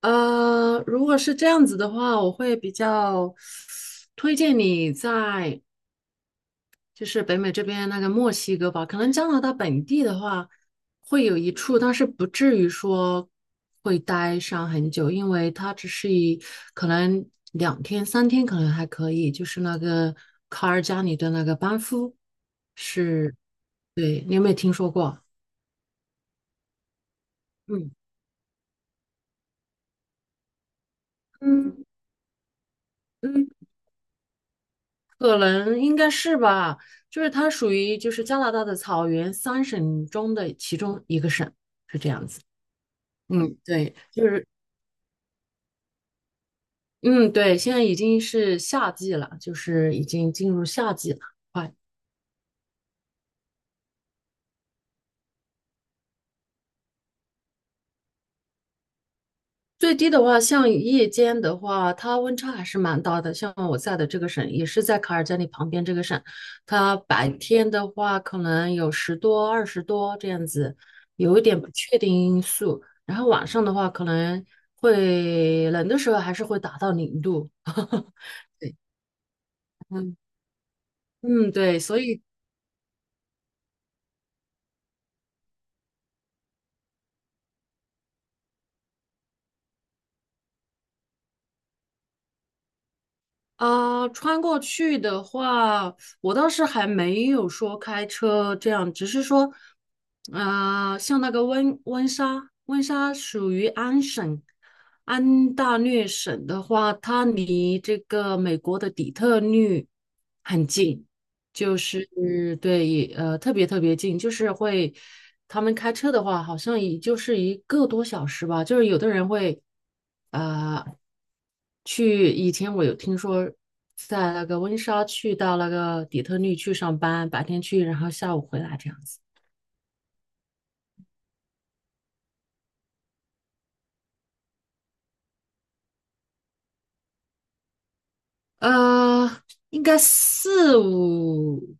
如果是这样子的话，我会比较推荐你在就是北美这边那个墨西哥吧。可能加拿大本地的话会有一处，但是不至于说会待上很久，因为它只是可能2天3天可能还可以。就是那个卡尔加里的那个班夫是，对，你有没有听说过？嗯。嗯嗯，可能应该是吧，就是它属于就是加拿大的草原三省中的其中一个省。嗯，对，就是嗯，对，现在已经是夏季了，就是已经进入夏季了。快。最低的话，像夜间的话，它温差还是蛮大的。像我在的这个省，也是在卡尔加里旁边这个省，它白天的话可能有10多、20多这样子，有一点不确定因素。然后晚上的话，可能会冷的时候还是会达到0度。嗯嗯，对，所以啊，穿过去的话，我倒是还没有说开车这样，只是说，啊，像那个温莎，温莎属于安省，安大略省的话，它离这个美国的底特律很近，就是对，也特别特别近，就是会，他们开车的话，好像也就是1个多小时吧。就是有的人会，呃，去以前我有听说，在那个温莎去到那个底特律去上班，白天去，然后下午回来这样子。呃，应该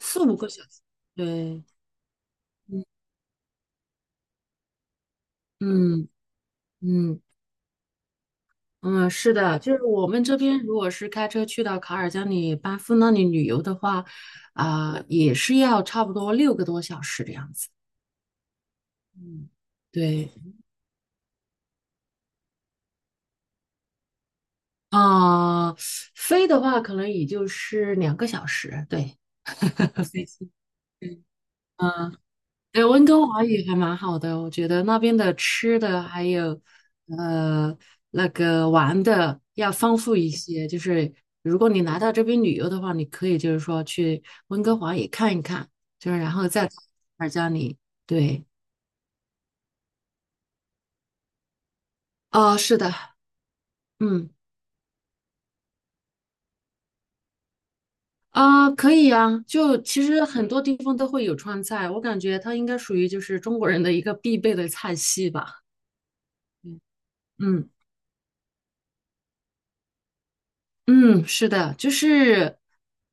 4、5个小时。对，嗯嗯，嗯，是的，就是我们这边如果是开车去到卡尔加里、班夫那里旅游的话，啊、也是要差不多六个多小时的样子。嗯，对，啊、飞的话可能也就是2个小时。对，飞机。嗯对，温哥华也还蛮好的，我觉得那边的吃的还有呃那个玩的要丰富一些。就是如果你来到这边旅游的话，你可以就是说去温哥华也看一看，就是然后再到尔加里。对，啊，是的，嗯，啊、可以啊。就其实很多地方都会有川菜，我感觉它应该属于就是中国人的一个必备的菜系吧。嗯。嗯嗯，是的，就是，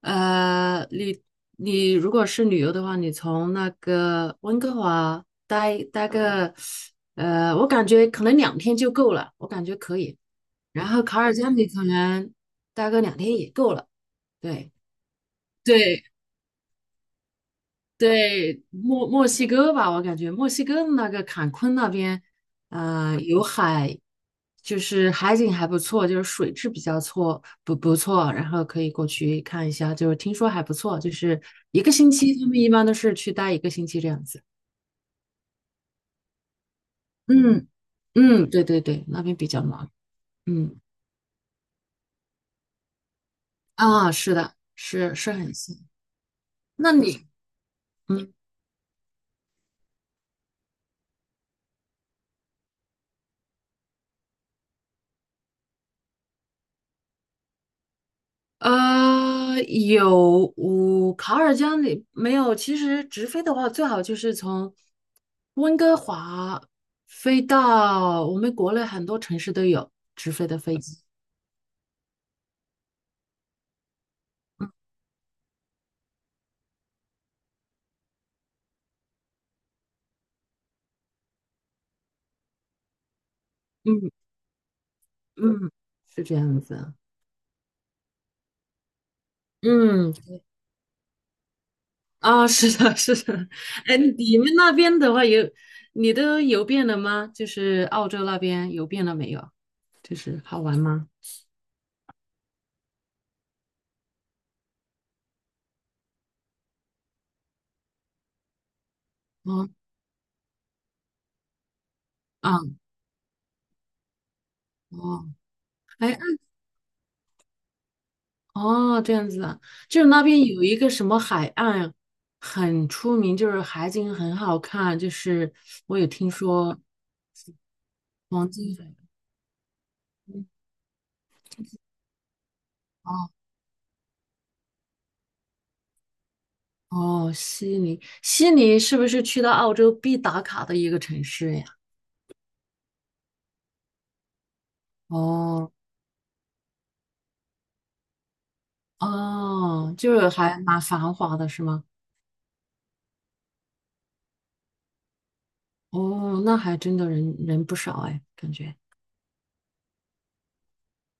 呃，你你如果是旅游的话，你从那个温哥华待个，我感觉可能两天就够了，我感觉可以。然后卡尔加里可能待个两天也够了。对，对，对，墨西哥吧，我感觉墨西哥那个坎昆那边，有海，就是海景还不错，就是水质比较错，不错，然后可以过去看一下，就是听说还不错，就是一个星期，他们一般都是去待一个星期这样子。嗯嗯，对对对，那边比较忙。嗯啊，是的，是是很近。那你？嗯。有，我卡尔加里没有。其实直飞的话，最好就是从温哥华飞到我们国内很多城市都有直飞的飞机。嗯嗯，是这样子。嗯，啊，是的，是的。哎，你们那边的话有，你都游遍了吗？就是澳洲那边游遍了没有？就是好玩吗？哦，啊，哦，哎，哦，这样子啊，就是那边有一个什么海岸很出名，就是海景很好看，就是我有听说黄金海岸。哦哦，悉尼，悉尼是不是去到澳洲必打卡的一个城市呀？哦哦，就是还蛮繁华的是吗？哦，那还真的人不少哎，感觉。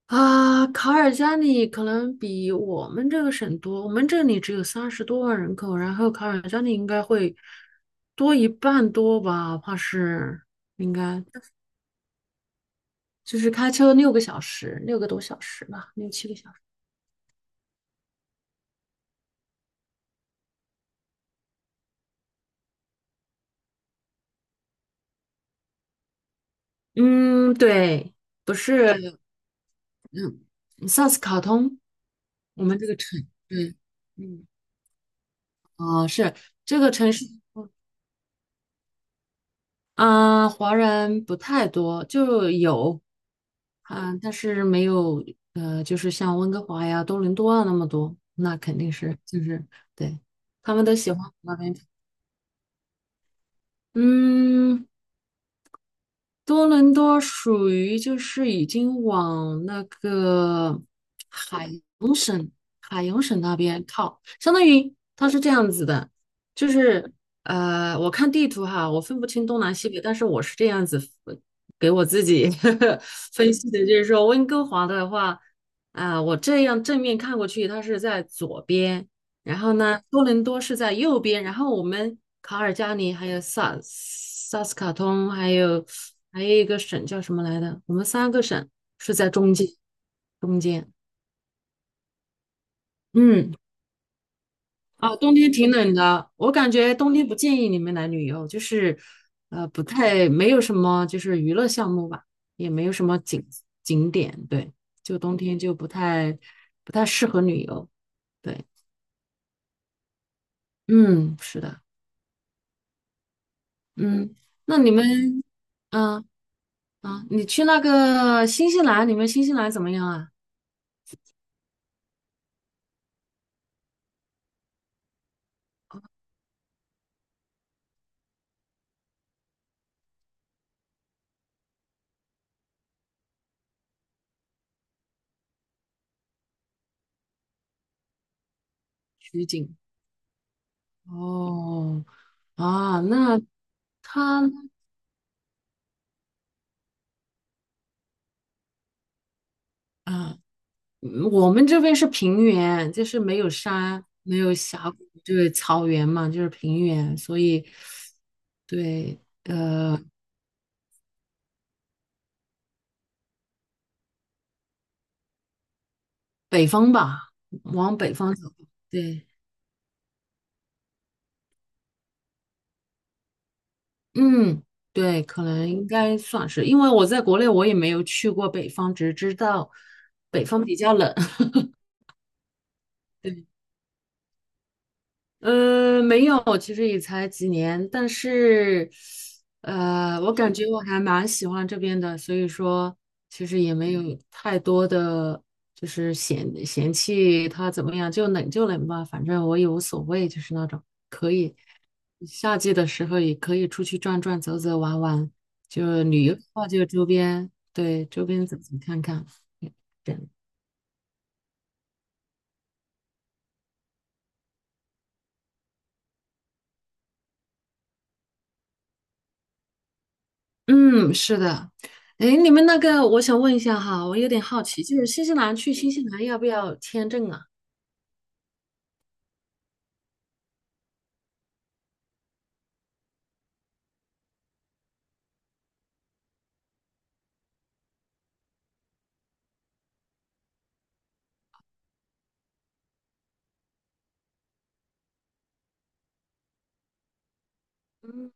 啊，卡尔加里可能比我们这个省多，我们这里只有30多万人口，然后卡尔加里应该会多一半多吧，怕是应该就是开车6个小时，六个多小时吧，6、7个小时。嗯，对，不是，嗯，萨斯卡通，我们这个城，对，嗯，哦，是这个城市。啊，华人不太多，就有，嗯，但是没有，就是像温哥华呀、多伦多啊那么多，那肯定是，就是对，他们都喜欢那边。嗯，多伦多属于就是已经往那个海洋省、海洋省那边靠，相当于它是这样子的，就是我看地图哈，我分不清东南西北，但是我是这样子分给我自己 呵呵分析的，就是说温哥华的话，啊、我这样正面看过去，它是在左边，然后呢，多伦多是在右边，然后我们卡尔加里还有萨斯卡通，还有一个省叫什么来的？我们3个省是在中间，中间。嗯，啊，冬天挺冷的，我感觉冬天不建议你们来旅游，就是不太没有什么就是娱乐项目吧，也没有什么景点，对，就冬天就不太适合旅游，对，嗯，是的，嗯，那你们。嗯，啊，你去那个新西兰，你们新西兰怎么样啊？取景哦，啊，那它啊，我们这边是平原，就是没有山，没有峡谷，就是草原嘛，就是平原，所以对北方吧，往北方走，对，嗯，对，可能应该算是，因为我在国内我也没有去过北方，只知道北方比较冷，对。没有，其实也才几年，但是，我感觉我还蛮喜欢这边的，所以说其实也没有太多的就是嫌弃它怎么样，就冷就冷吧，反正我也无所谓，就是那种可以夏季的时候也可以出去转转、走走、玩玩，就旅游的话就周边，对，周边走走看看，这样。嗯，是的。哎，你们那个，我想问一下哈，我有点好奇，就是新西兰去新西兰要不要签证啊？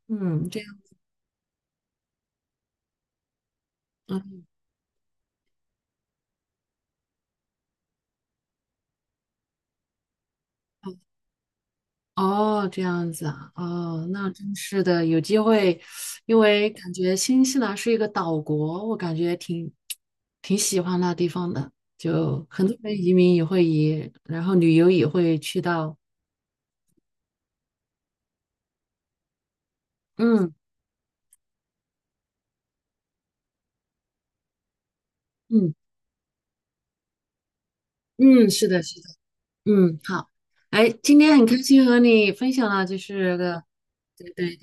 嗯，这样，嗯，哦，这样子啊，哦，那真是的，有机会，因为感觉新西兰是一个岛国，我感觉挺喜欢那地方的，就很多人移民也会移，然后旅游也会去到，嗯嗯嗯，是的，是的，嗯，好，哎，今天很开心和你分享了，就是个。对对，